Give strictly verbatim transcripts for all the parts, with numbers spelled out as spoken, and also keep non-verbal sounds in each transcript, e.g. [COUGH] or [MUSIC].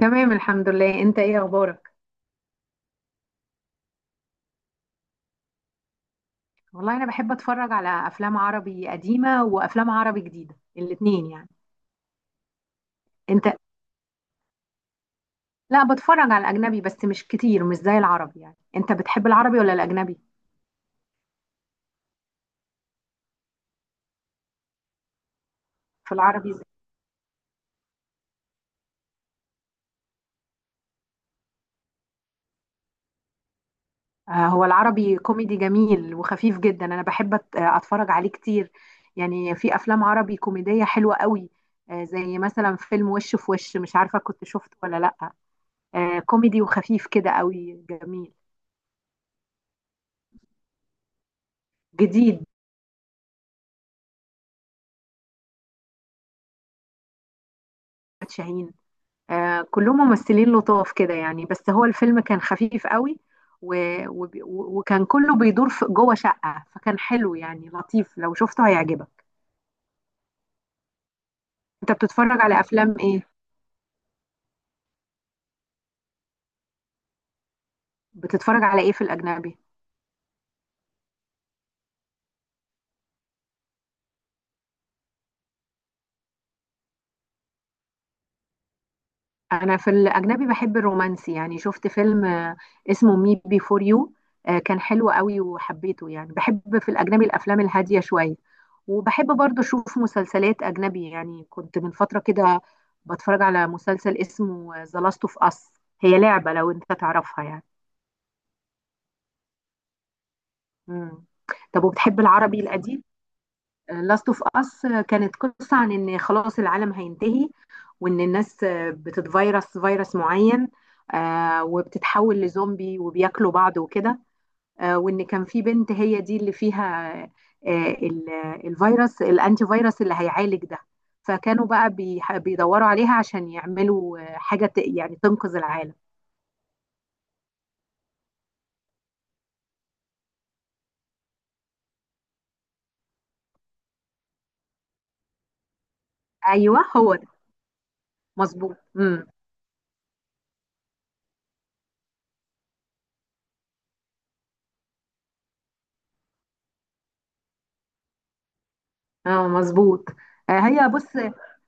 تمام، الحمد لله. انت ايه اخبارك؟ والله انا بحب اتفرج على افلام عربي قديمه وافلام عربي جديده، الاتنين يعني. انت؟ لا، بتفرج على الاجنبي بس مش كتير، مش زي العربي يعني. انت بتحب العربي ولا الاجنبي؟ في العربي زي. آه، هو العربي كوميدي جميل وخفيف جدا. انا بحب أت- اتفرج عليه كتير. يعني في افلام عربي كوميديه حلوه قوي. آه، زي مثلا فيلم وش في وش، مش عارفه كنت شفته ولا لا. آه، كوميدي وخفيف كده قوي، جميل. جديد. شاهين. آه، كلهم ممثلين لطاف كده يعني، بس هو الفيلم كان خفيف قوي. و... و... وكان كله بيدور في جوه شقة، فكان حلو يعني، لطيف، لو شفته هيعجبك. انت بتتفرج على افلام ايه؟ بتتفرج على ايه في الاجنبي؟ انا في الاجنبي بحب الرومانسي. يعني شفت فيلم آه، اسمه مي بي فور يو. كان حلو قوي وحبيته. يعني بحب في الاجنبي الافلام الهاديه شويه. وبحب برضه اشوف مسلسلات اجنبي. يعني كنت من فتره كده بتفرج على مسلسل اسمه ذا لاست اوف اس. هي لعبه، لو انت تعرفها يعني. مم. طب، وبتحب العربي القديم؟ لاست اوف اس كانت قصة عن ان خلاص العالم هينتهي. وان الناس آه، بتتفيرس فيروس معين. آه، وبتتحول لزومبي وبياكلوا بعض وكده. آه، وان كان في بنت هي دي اللي فيها. آه، ال- الفيروس الانتي فيروس اللي هيعالج ده. فكانوا بقى بيح- بيدوروا عليها عشان يعملوا آه، حاجة ت- يعني تنقذ العالم. ايوه، هو ده. مظبوط. مم. اه، مظبوط. آه، هي بص.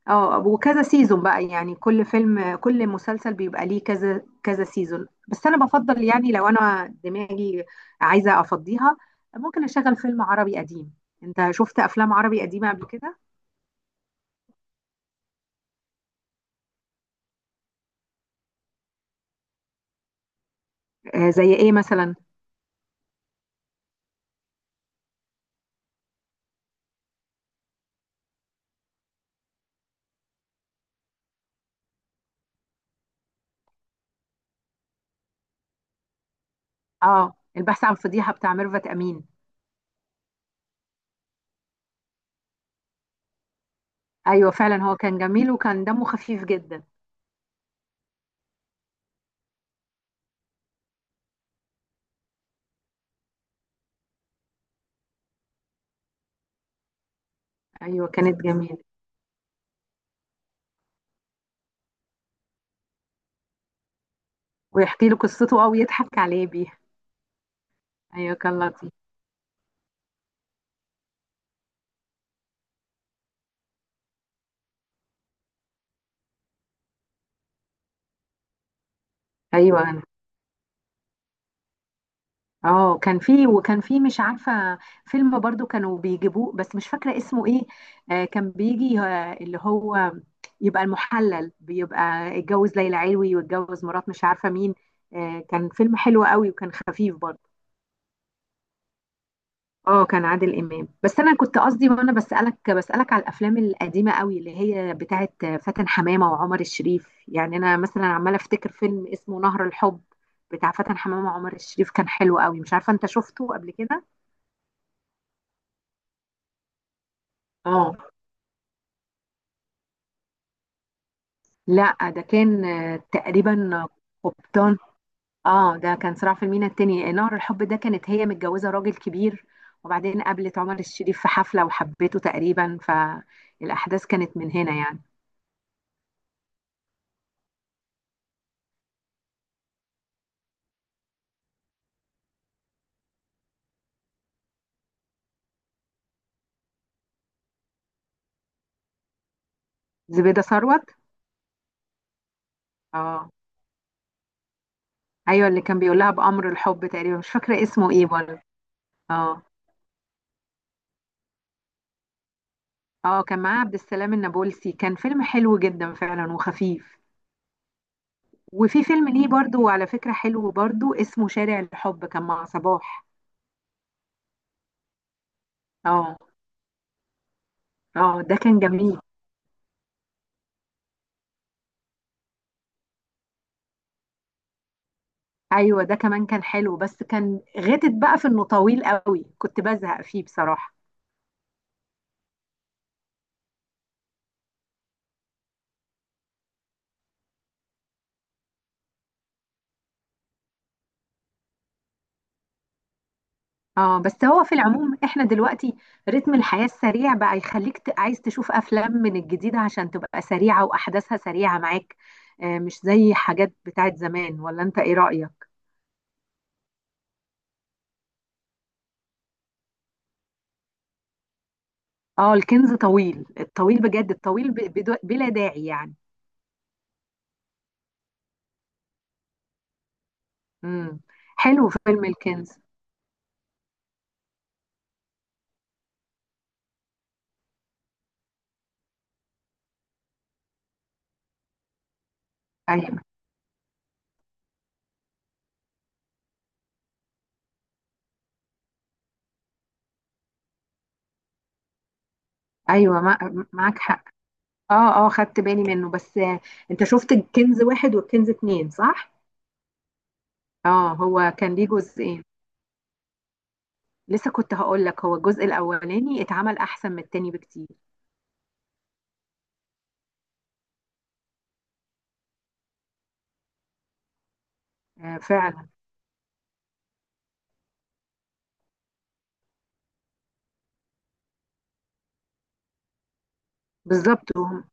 اه، وكذا سيزون بقى يعني، كل فيلم كل مسلسل بيبقى ليه كذا كذا سيزون. بس انا بفضل يعني، لو انا دماغي عايزة افضيها، ممكن اشغل فيلم عربي قديم. انت شفت افلام عربي قديمة قبل كده؟ آه، زي ايه مثلا؟ اه، البحث عن فضيحة بتاع ميرفت امين. ايوه، فعلا هو كان جميل وكان دمه خفيف جدا. ايوه، كانت جميلة. ويحكي له قصته، او يضحك عليه بيها. ايوه، كان لطيف. ايوه. اه، كان في وكان في مش عارفة، فيلم برضو كانوا بيجيبوه بس مش فاكرة اسمه ايه. آه كان بيجي آه اللي هو، يبقى المحلل بيبقى. اتجوز ليلى علوي واتجوز مرات مش عارفة مين. آه كان فيلم حلو قوي وكان خفيف برضو. اه، كان عادل إمام. بس انا كنت قصدي وانا بسألك بسألك على الافلام القديمة قوي، اللي هي بتاعت فاتن حمامة وعمر الشريف يعني. انا مثلا عمالة افتكر فيلم اسمه نهر الحب، بتاع فاتن حمامة وعمر الشريف. كان حلو قوي، مش عارفة انت شفته قبل كده؟ اه، لا ده كان آه، تقريبا. قبطان. اه، ده كان صراع في المينا. التاني، نهر الحب ده، كانت هي متجوزة راجل كبير. وبعدين قابلت عمر الشريف في حفلة وحبته تقريبا، فالأحداث كانت من هنا يعني. زبيدة ثروت. اه. ايوه، اللي كان بيقول لها بأمر الحب تقريبا، مش فاكرة اسمه ايه برضه. اه. اه، كان معاه عبد السلام النابلسي، كان فيلم حلو جدا فعلا وخفيف. وفي فيلم ليه برضه، على فكرة، حلو برضه، اسمه شارع الحب كان مع صباح. اه. اه، ده كان جميل. ايوه، ده كمان كان حلو بس كان غتت بقى في انه طويل قوي، كنت بزهق فيه بصراحه. اه، بس هو في العموم احنا دلوقتي رتم الحياه السريع بقى يخليك ت- عايز تشوف افلام من الجديده، عشان تبقى سريعه واحداثها سريعه معاك. آه، مش زي حاجات بتاعت زمان. ولا انت ايه رايك؟ اه، الكنز طويل، الطويل بجد، الطويل ب- بدو- بلا داعي يعني. امم. حلو فيلم الكنز. ايوه، ايوه. مع- معاك حق. اه، اه، خدت بالي منه، بس آه، انت شفت الكنز واحد والكنز اتنين، صح؟ اه، هو كان ليه جزئين. لسه كنت هقول لك، هو الجزء الاولاني اتعمل احسن من التاني بكتير. آه، فعلا. بالظبط. وهم-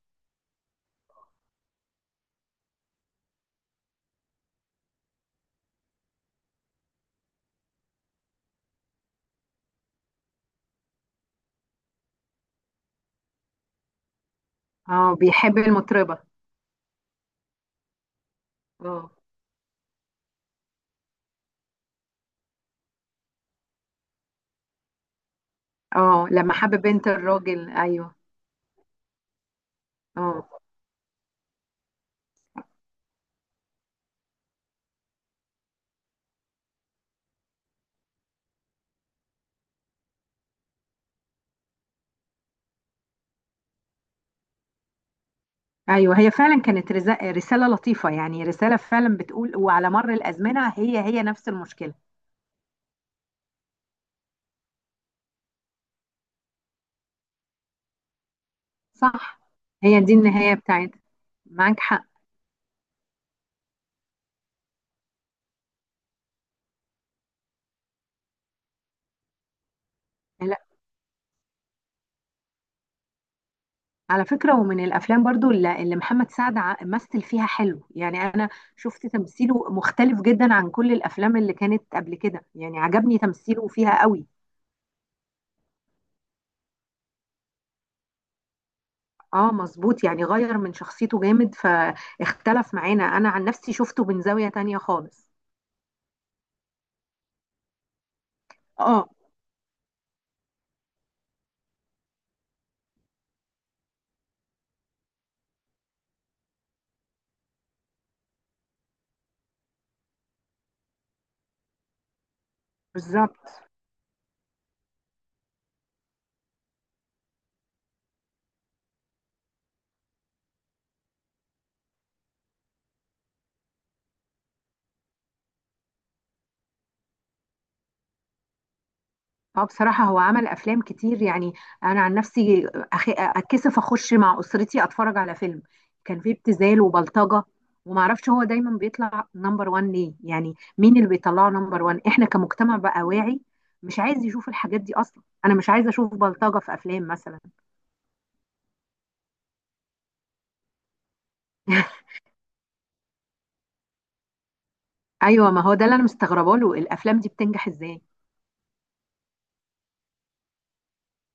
اه، بيحب المطربة. اه، اه، لما حب بنت الراجل، ايوه. اه، ايوه، هي فعلا كانت رز- رسالة لطيفة يعني، رسالة فعلا بتقول وعلى مر الازمنة هي هي نفس المشكلة. صح. هي دي النهاية بتاعتها. معاك حق. لا، على فكرة، ومن الأفلام برضو اللي اللي محمد سعد ع- مثل فيها حلو يعني. أنا شفت تمثيله مختلف جدا عن كل الأفلام اللي كانت قبل كده يعني، عجبني تمثيله فيها قوي. اه، مظبوط، يعني غير من شخصيته جامد، فاختلف معانا. أنا عن نفسي شفته من زاوية تانية خالص. اه. بالظبط. اه، بصراحة هو عمل أفلام كتير يعني. أنا عن نفسي أخ- أتكسف أخش مع أسرتي أتفرج على فيلم كان فيه ابتذال وبلطجة. ومعرفش هو دايما بيطلع نمبر وان ليه يعني، مين اللي بيطلعه نمبر وان؟ إحنا كمجتمع بقى واعي، مش عايز يشوف الحاجات دي أصلا. أنا مش عايزة أشوف بلطجة في أفلام مثلا. [LAUGHS] أيوة، ما هو ده اللي أنا مستغربة له، الأفلام دي بتنجح إزاي؟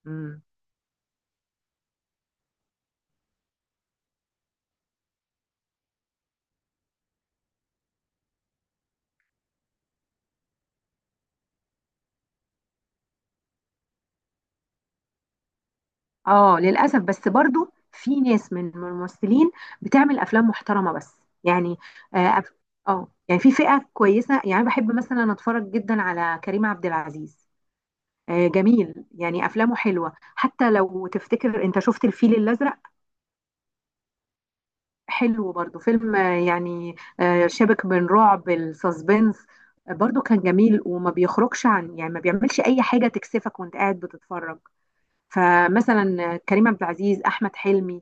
مم. اه، للاسف. بس برضو في ناس من من الممثلين بتعمل افلام محترمه بس يعني. اه، أف- آه، يعني في فئه كويسه يعني. بحب مثلا اتفرج جدا على كريم عبد العزيز. آه جميل يعني، افلامه حلوه. حتى لو تفتكر، انت شفت الفيل الازرق؟ حلو برضو فيلم، آه، يعني آه شبك بين رعب السسبنس. آه، برضو كان جميل وما بيخرجش عن يعني ما بيعملش اي حاجه تكسفك وانت قاعد بتتفرج. فمثلا آه، كريم عبد العزيز، احمد حلمي،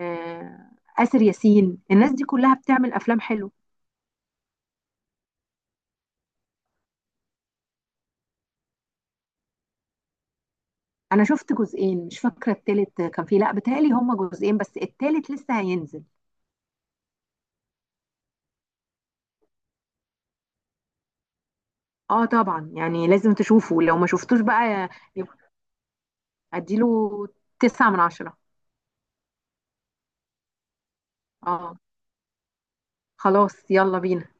آه، آسر ياسين. الناس دي كلها بتعمل افلام حلو. انا شفت جزئين، مش فاكره التالت كان فيه، لا بتهيألي هما جزئين بس التالت لسه هينزل. اه، طبعا يعني لازم تشوفه لو ما شفتوش بقى. يبقى اديله تسعة من عشرة. اه، خلاص، يلا بينا.